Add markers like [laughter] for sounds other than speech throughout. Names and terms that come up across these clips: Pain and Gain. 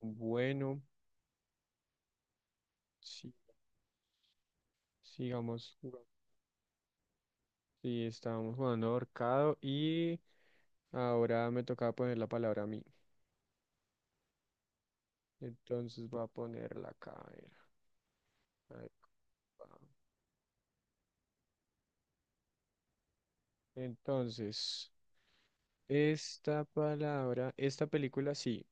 Bueno, sí, sigamos jugando. Sí, estábamos jugando ahorcado y ahora me tocaba poner la palabra a mí. Entonces voy a ponerla acá. A ver, a ver, pa. Entonces, esta palabra, esta película sí,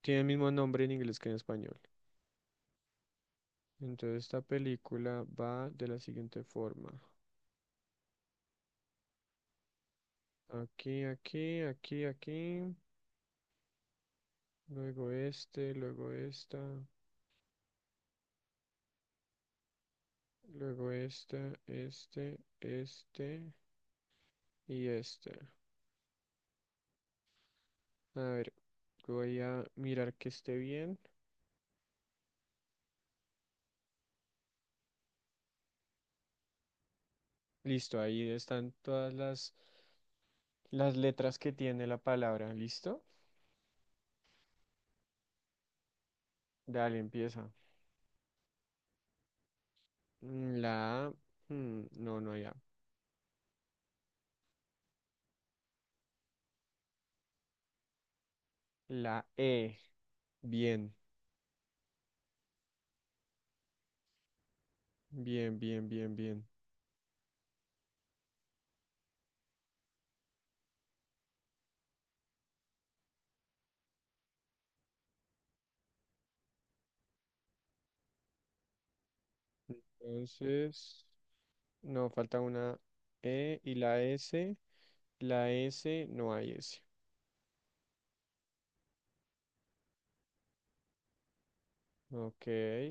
tiene el mismo nombre en inglés que en español. Entonces, esta película va de la siguiente forma. Aquí, aquí, aquí, aquí. Luego este, luego esta, este, este. Y este, a ver, voy a mirar que esté bien. Listo, ahí están todas las letras que tiene la palabra. ¿Listo? Dale, empieza. Mm, la A. No, no, ya. La E. Bien, bien, bien, bien, bien. Entonces, no, falta una E y la S. La S, no hay S. Ok,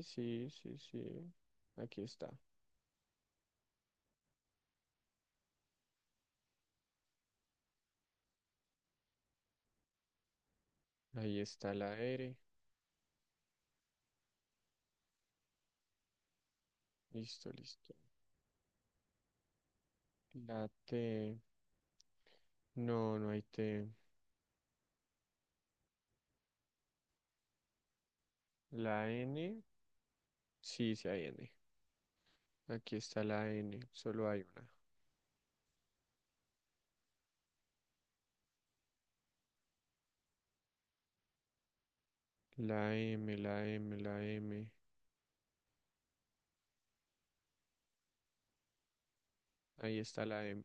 sí, sí, sí. Aquí está. Ahí está la R. Listo, listo. La T. No, no hay T. La N, sí, sí hay N. Aquí está la N, solo hay una. La M, la M, la M. Ahí está la M.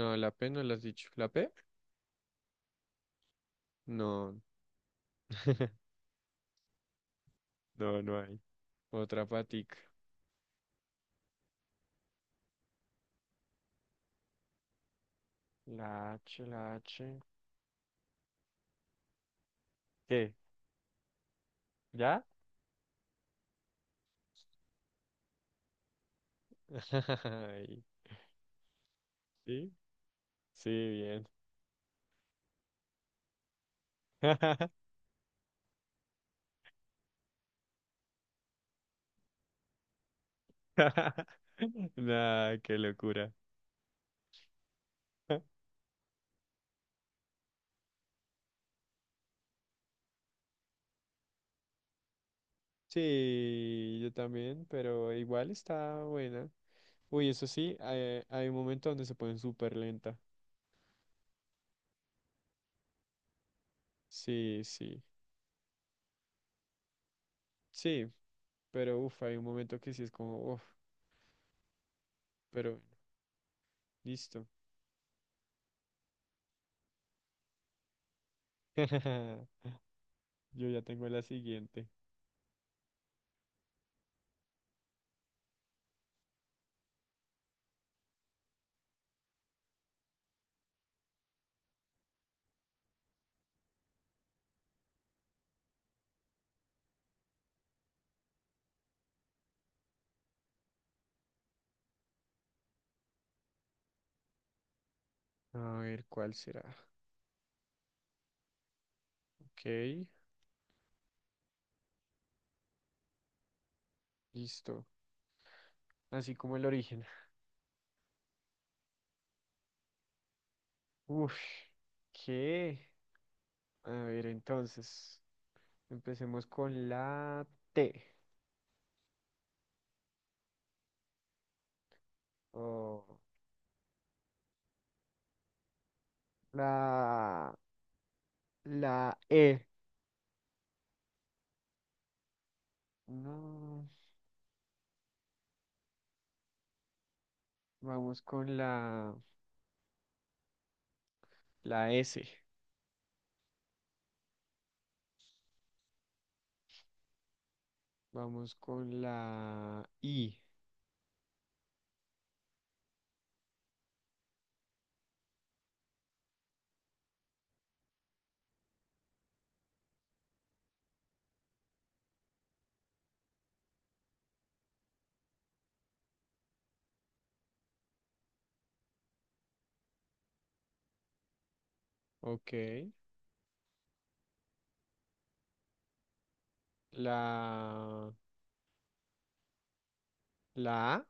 No, la P no la has dicho. ¿La P? No. [laughs] No, no hay. Otra patica. La H. ¿Qué? ¿Ya? [laughs] Ay, ¿sí? Sí, bien. [laughs] Nah, qué locura. [laughs] Sí, yo también, pero igual está buena. Uy, eso sí, hay un momento donde se ponen súper lenta. Sí, sí, sí, pero uff, hay un momento que sí es como, uff, pero listo. [laughs] Yo ya tengo la siguiente. A ver, ¿cuál será? Ok, listo. Así como el origen. Uff, ¿qué? A ver, entonces, empecemos con la T. O la, la E. No, vamos con la S. Vamos con la I. Ok. La, la A.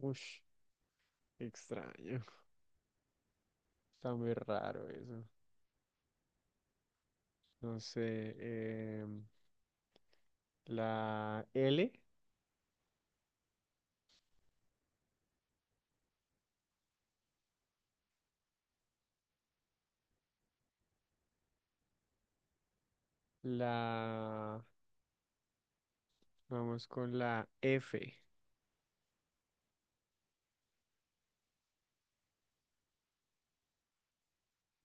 Ush, extraño. [laughs] Está muy raro eso. No sé. em, la L. La, vamos con la F.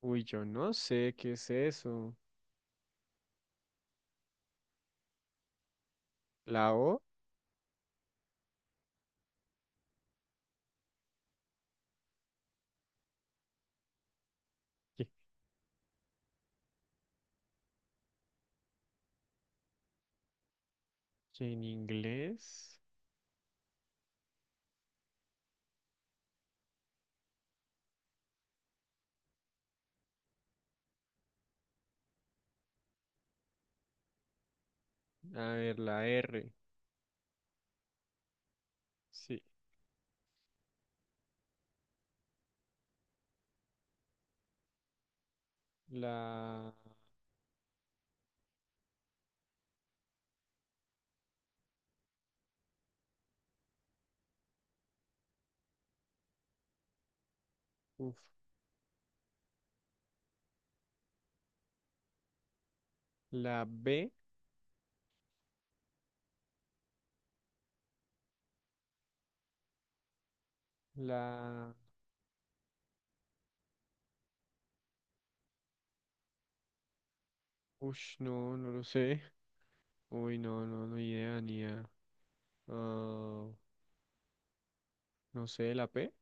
Uy, yo no sé qué es eso. La O. ¿Qué, que en inglés? A ver, la R. Sí. La... Uf, la B, la... Ush, no, no lo sé. Uy, no, no, no idea, ni idea. Ah, no sé, la P.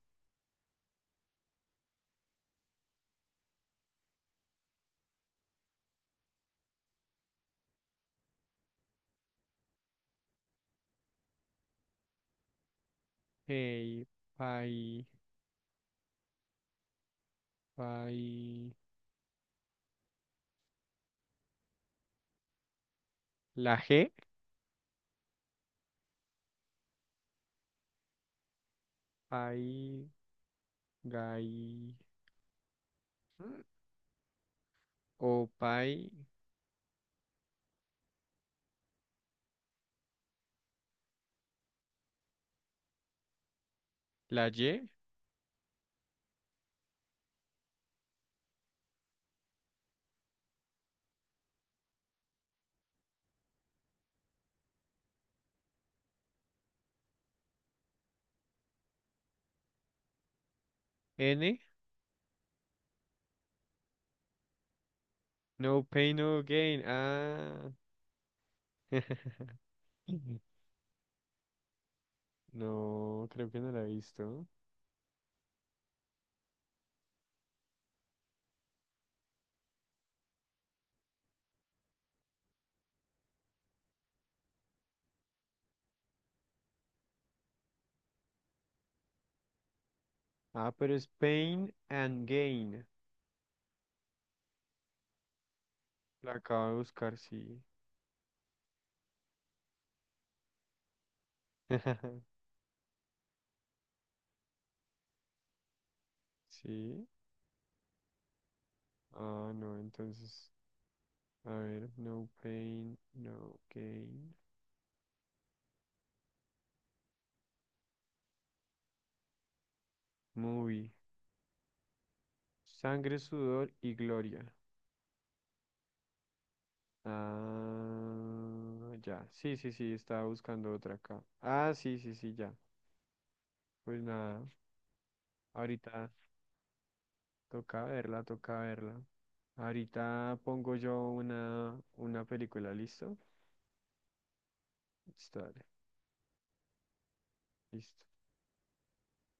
Hey, pay, pay. La G, pay, gay. mm, O pay, la Y, N. No pain, no gain. Ah. [laughs] No, creo que no la he visto. Ah, pero es pain and gain. La acabo de buscar, sí. [laughs] Sí. Ah, no, entonces, a ver, no pain, no gain. Movie. Sangre, sudor y gloria. Ah, ya. Sí, sí, sí, estaba buscando otra acá. Ah, sí, sí, sí, ya. Pues nada, ahorita toca verla, toca verla. Ahorita pongo yo una película, ¿listo? Listo, dale, listo.